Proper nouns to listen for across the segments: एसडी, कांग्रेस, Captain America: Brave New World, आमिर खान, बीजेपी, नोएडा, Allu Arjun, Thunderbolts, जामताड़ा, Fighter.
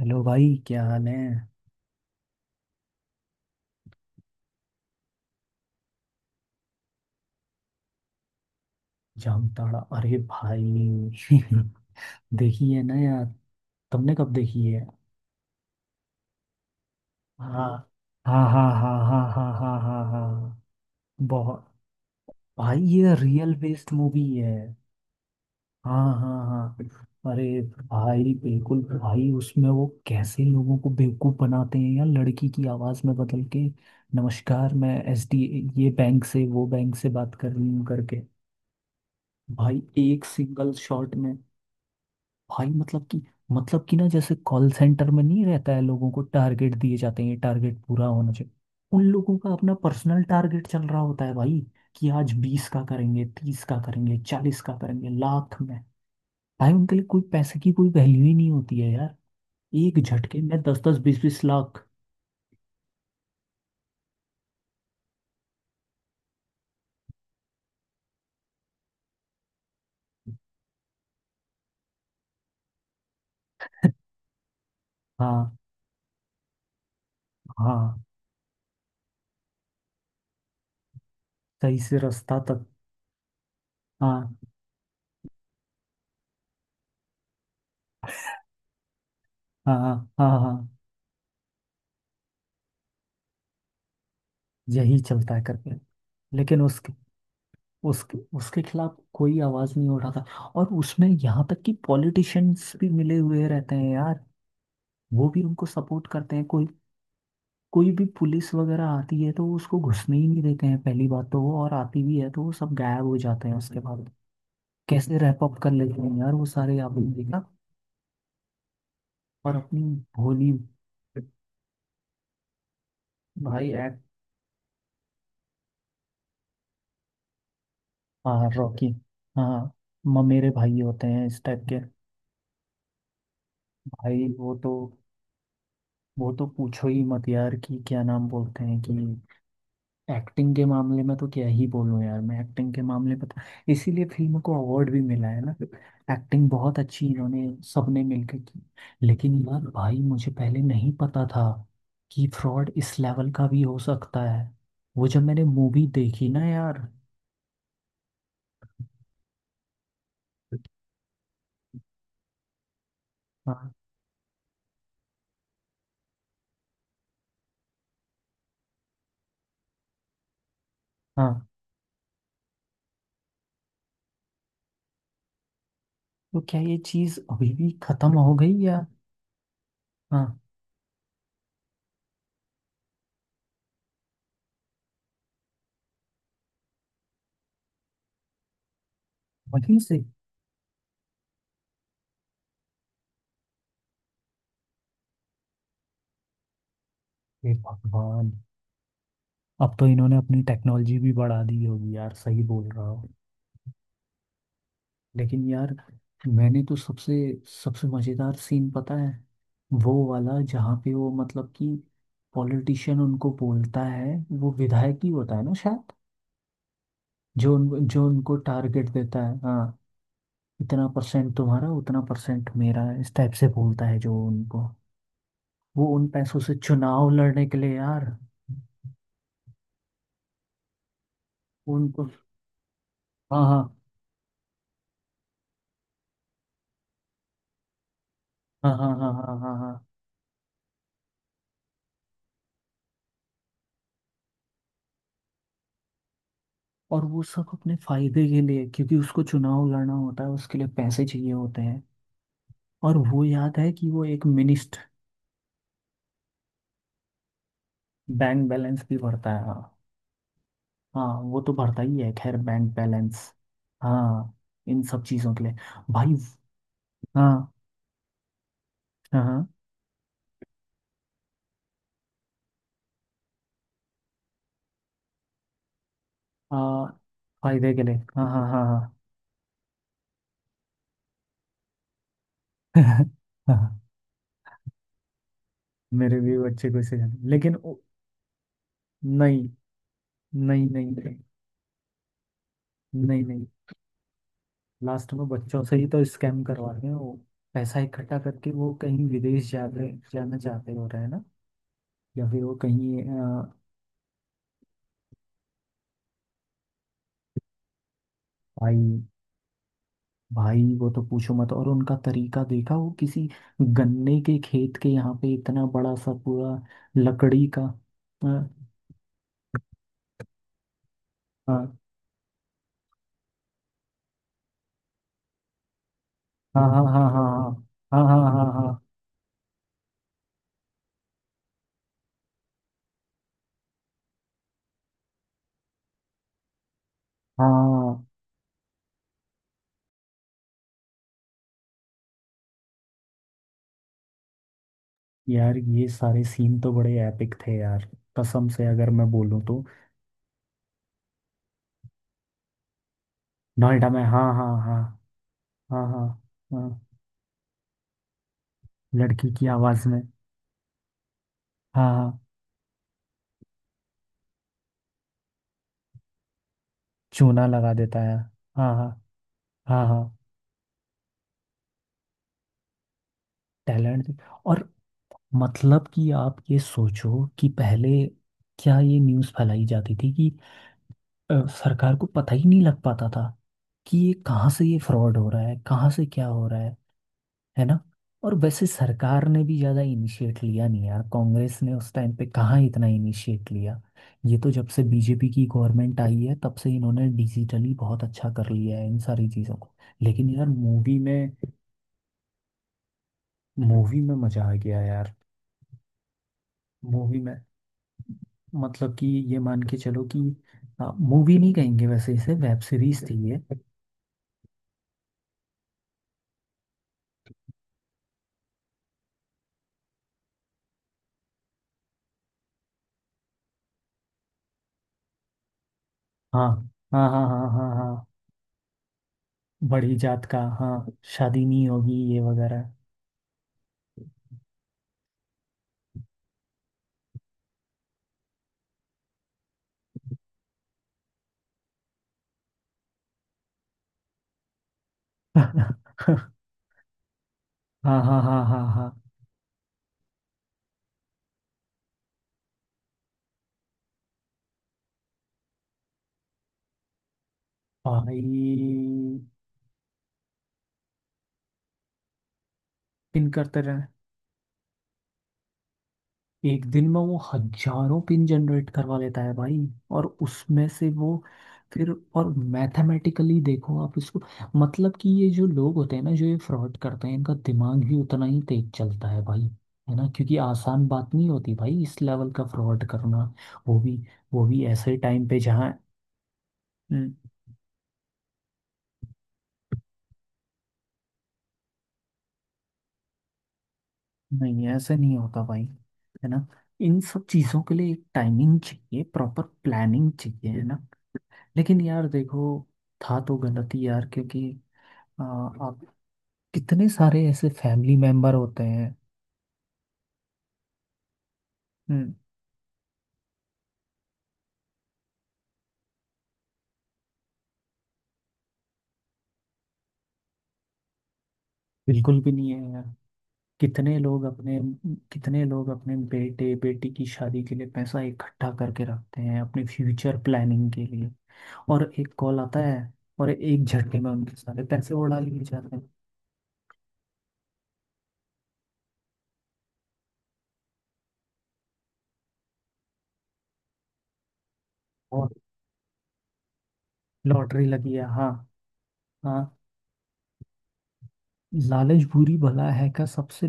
Hello भाई, क्या हाल है। जामताड़ा? अरे भाई देखी है ना यार। तुमने कब देखी है? हाँ हाँ हाँ हाँ हाँ हाँ हाँ हाँ हाँ। बहुत। भाई, ये रियल बेस्ड मूवी है। हाँ हाँ हाँ। अरे भाई, बिल्कुल भाई। उसमें वो कैसे लोगों को बेवकूफ बनाते हैं यार, लड़की की आवाज में बदल के। नमस्कार, मैं एसडी, ये बैंक से, वो बैंक से बात कर रही हूँ करके। भाई एक सिंगल शॉट में। भाई मतलब कि ना, जैसे कॉल सेंटर में नहीं रहता है, लोगों को टारगेट दिए जाते हैं, टारगेट पूरा होना चाहिए। उन लोगों का अपना पर्सनल टारगेट चल रहा होता है भाई कि आज बीस का करेंगे, तीस का करेंगे, चालीस का करेंगे लाख में। भाई उनके लिए कोई पैसे की कोई वैल्यू ही नहीं होती है यार। एक झटके में दस दस बीस बीस लाख। हाँ हाँ। सही से रास्ता तक। हाँ हाँ हाँ हाँ हाँ, हाँ, हाँ, हाँ, हाँ। यही चलता है करके। लेकिन उसके, उसके खिलाफ कोई आवाज नहीं उठाता। और उसमें यहाँ तक कि पॉलिटिशियंस भी मिले हुए रहते हैं यार। वो भी उनको सपोर्ट करते हैं। कोई कोई भी पुलिस वगैरह आती है तो वो उसको घुसने ही नहीं देते हैं पहली बात तो वो, और आती भी है तो वो सब गायब हो जाते हैं उसके बाद। कैसे रैप अप कर लेते हैं यार वो सारे, आपने देखा? और अपनी भोली। भाई एक्ट। हाँ रॉकी। हाँ मेरे भाई होते हैं इस टाइप के। भाई वो तो, वो तो पूछो ही मत यार कि क्या नाम बोलते हैं कि। एक्टिंग के मामले में तो क्या ही बोलूं यार। मैं एक्टिंग के मामले में तो इसीलिए फिल्म को अवार्ड भी मिला है ना। एक्टिंग बहुत अच्छी इन्होंने सबने मिलकर की। लेकिन यार भाई, मुझे पहले नहीं पता था कि फ्रॉड इस लेवल का भी हो सकता है। वो जब मैंने मूवी देखी ना यार। हाँ हाँ। तो क्या ये चीज अभी भी खत्म हो गई या? हाँ। वहीं से। हे भगवान। अब तो इन्होंने अपनी टेक्नोलॉजी भी बढ़ा दी होगी यार, सही बोल रहा हो। लेकिन यार, मैंने तो सबसे सबसे मजेदार सीन पता है, वो वाला जहाँ पे वो मतलब कि पॉलिटिशियन उनको बोलता है। वो विधायक ही होता है ना शायद, जो उनको टारगेट देता है हाँ। इतना परसेंट तुम्हारा, उतना परसेंट मेरा, इस टाइप से बोलता है जो उनको। वो उन पैसों से चुनाव लड़ने के लिए यार। उनको। हाँ हाँ हाँ हाँ हाँ हाँ हाँ हाँ। और वो सब अपने फायदे के लिए, क्योंकि उसको चुनाव लड़ना होता है, उसके लिए पैसे चाहिए होते हैं। और वो याद है कि वो एक मिनिस्ट। बैंक बैलेंस भी भरता है। हाँ हाँ, वो तो भरता ही है खैर, बैंक बैलेंस। हाँ, इन सब चीज़ों के लिए। भाई। हाँ हाँ हाँ। आ, फायदे के लिए हाँ हाँ हाँ हाँ। हाँ, मेरे भी बच्चे को इसे जानते लेकिन वो-। नहीं नहीं नहीं। नहीं नहीं नहीं। लास्ट में बच्चों से ही तो स्कैम करवाते हैं वो, पैसा इकट्ठा करके वो कहीं विदेश जाते, जाना चाहते हो रहे हैं ना। या फिर वो कहीं भाई। भाई वो तो पूछो मत, और उनका तरीका देखा वो किसी गन्ने के खेत के यहाँ पे इतना बड़ा सा पूरा लकड़ी का। हाँ हाँ हाँ हाँ हाँ हाँ हाँ हाँ हाँ हाँ हाँ। यार ये सारे सीन तो बड़े एपिक थे यार, कसम से अगर मैं बोलूँ तो। नोएडा में हाँ हाँ हाँ। हाँ हाँ हाँ। लड़की की आवाज़ में हाँ हाँ। चूना लगा देता है हाँ हाँ हाँ हाँ। टैलेंट। और मतलब कि आप ये सोचो कि पहले क्या ये न्यूज़ फैलाई जाती थी कि सरकार को पता ही नहीं लग पाता था कि ये कहाँ से ये फ्रॉड हो रहा है, कहाँ से क्या हो रहा है ना। और वैसे सरकार ने भी ज़्यादा इनिशिएट लिया नहीं यार, कांग्रेस ने उस टाइम पे कहाँ इतना इनिशिएट लिया। ये तो जब से बीजेपी की गवर्नमेंट आई है तब से इन्होंने डिजिटली बहुत अच्छा कर लिया है इन सारी चीज़ों को। लेकिन यार मूवी में मज़ा आ गया यार। मूवी में मतलब कि ये मान के चलो कि मूवी नहीं कहेंगे, वैसे इसे वेब सीरीज थी ये। हाँ हाँ हाँ हाँ हाँ हाँ। बड़ी जात का हाँ, शादी नहीं होगी ये वगैरह। हाँ हाँ हाँ हाँ हाँ। भाई। पिन करते रहे। एक दिन में वो हजारों पिन जनरेट करवा लेता है भाई। और उसमें से वो, फिर, और मैथमेटिकली देखो आप इसको। मतलब कि ये जो लोग होते हैं ना, जो ये फ्रॉड करते हैं, इनका दिमाग भी उतना ही तेज चलता है भाई, है ना, क्योंकि आसान बात नहीं होती भाई, इस लेवल का फ्रॉड करना। वो भी वो भी ऐसे टाइम पे जहाँ। न- नहीं ऐसे नहीं होता भाई, है ना। इन सब चीज़ों के लिए एक टाइमिंग चाहिए, प्रॉपर प्लानिंग चाहिए, है ना। लेकिन यार देखो, था तो गलत ही यार, क्योंकि आप कितने सारे ऐसे फैमिली मेंबर होते हैं। हम्म, बिल्कुल भी नहीं है यार। कितने लोग अपने, कितने लोग अपने बेटे बेटी की शादी के लिए पैसा इकट्ठा करके रखते हैं, अपने फ्यूचर प्लानिंग के लिए। और एक कॉल आता है और एक झटके में उनके सारे पैसे उड़ा लिए जाते हैं। और लॉटरी लगी है हाँ हाँ। लालच बुरी भला है का सबसे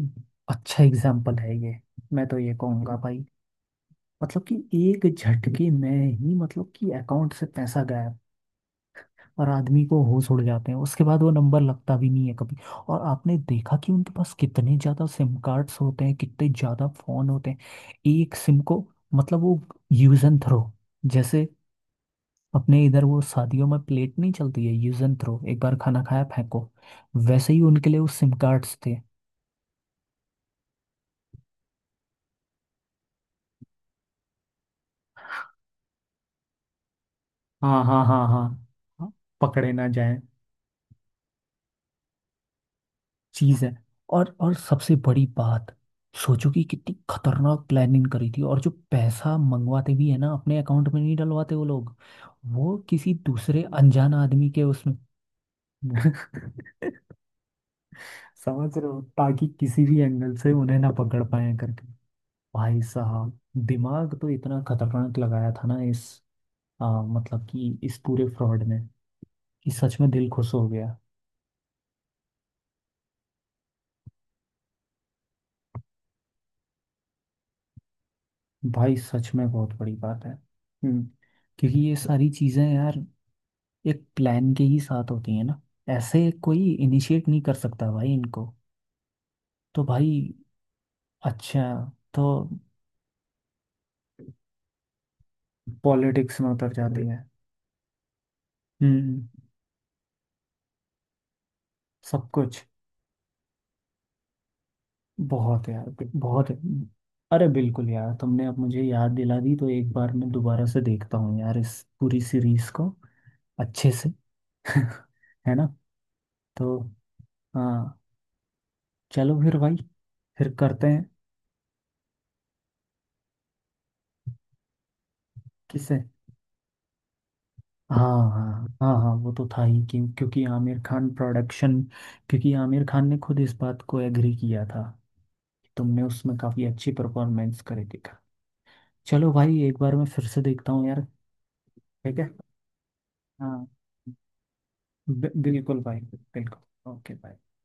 अच्छा एग्जाम्पल है ये। मैं तो ये कहूँगा भाई, मतलब कि एक झटके में ही मतलब कि अकाउंट से पैसा गायब, और आदमी को होश उड़ जाते हैं, उसके बाद वो नंबर लगता भी नहीं है कभी। और आपने देखा कि उनके पास कितने ज़्यादा सिम कार्ड्स होते हैं, कितने ज़्यादा फ़ोन होते हैं। एक सिम को मतलब, वो यूज एंड थ्रो जैसे। अपने इधर वो शादियों में प्लेट नहीं चलती है यूज एंड थ्रो, एक बार खाना खाया फेंको, वैसे ही उनके लिए वो सिम कार्ड्स थे। हाँ हाँ हाँ हाँ हाँ, पकड़े ना जाए। चीज है। और सबसे बड़ी बात, सोचो कि कितनी खतरनाक प्लानिंग करी थी, और जो पैसा मंगवाते भी है ना, अपने अकाउंट में नहीं डलवाते वो लोग, वो किसी दूसरे अनजान आदमी के उसमें। समझ रहे हो, ताकि किसी भी एंगल से उन्हें ना पकड़ पाए करके। भाई साहब, दिमाग तो इतना खतरनाक लगाया था ना इस मतलब कि इस पूरे फ्रॉड ने, कि सच में दिल खुश हो गया। भाई सच में बहुत बड़ी बात है। क्योंकि ये सारी चीजें यार एक प्लान के ही साथ होती है ना, ऐसे कोई इनिशिएट नहीं कर सकता भाई इनको। तो भाई, अच्छा, तो पॉलिटिक्स में उतर जाती है। हम्म। सब कुछ। बहुत है यार, बहुत है। अरे बिल्कुल यार, तुमने अब मुझे याद दिला दी तो एक बार मैं दोबारा से देखता हूँ यार इस पूरी सीरीज को, अच्छे से। है ना। तो हाँ, चलो फिर भाई, फिर करते हैं। किससे? हाँ हाँ हाँ हाँ, वो तो था ही क्यों, क्योंकि आमिर खान प्रोडक्शन। क्योंकि आमिर खान ने खुद इस बात को एग्री किया था, तुमने उसमें काफ़ी अच्छी परफॉर्मेंस करी दिखा। चलो भाई, एक बार मैं फिर से देखता हूँ यार। ठीक है हाँ, बिल्कुल भाई, बिल्कुल, ओके भाई।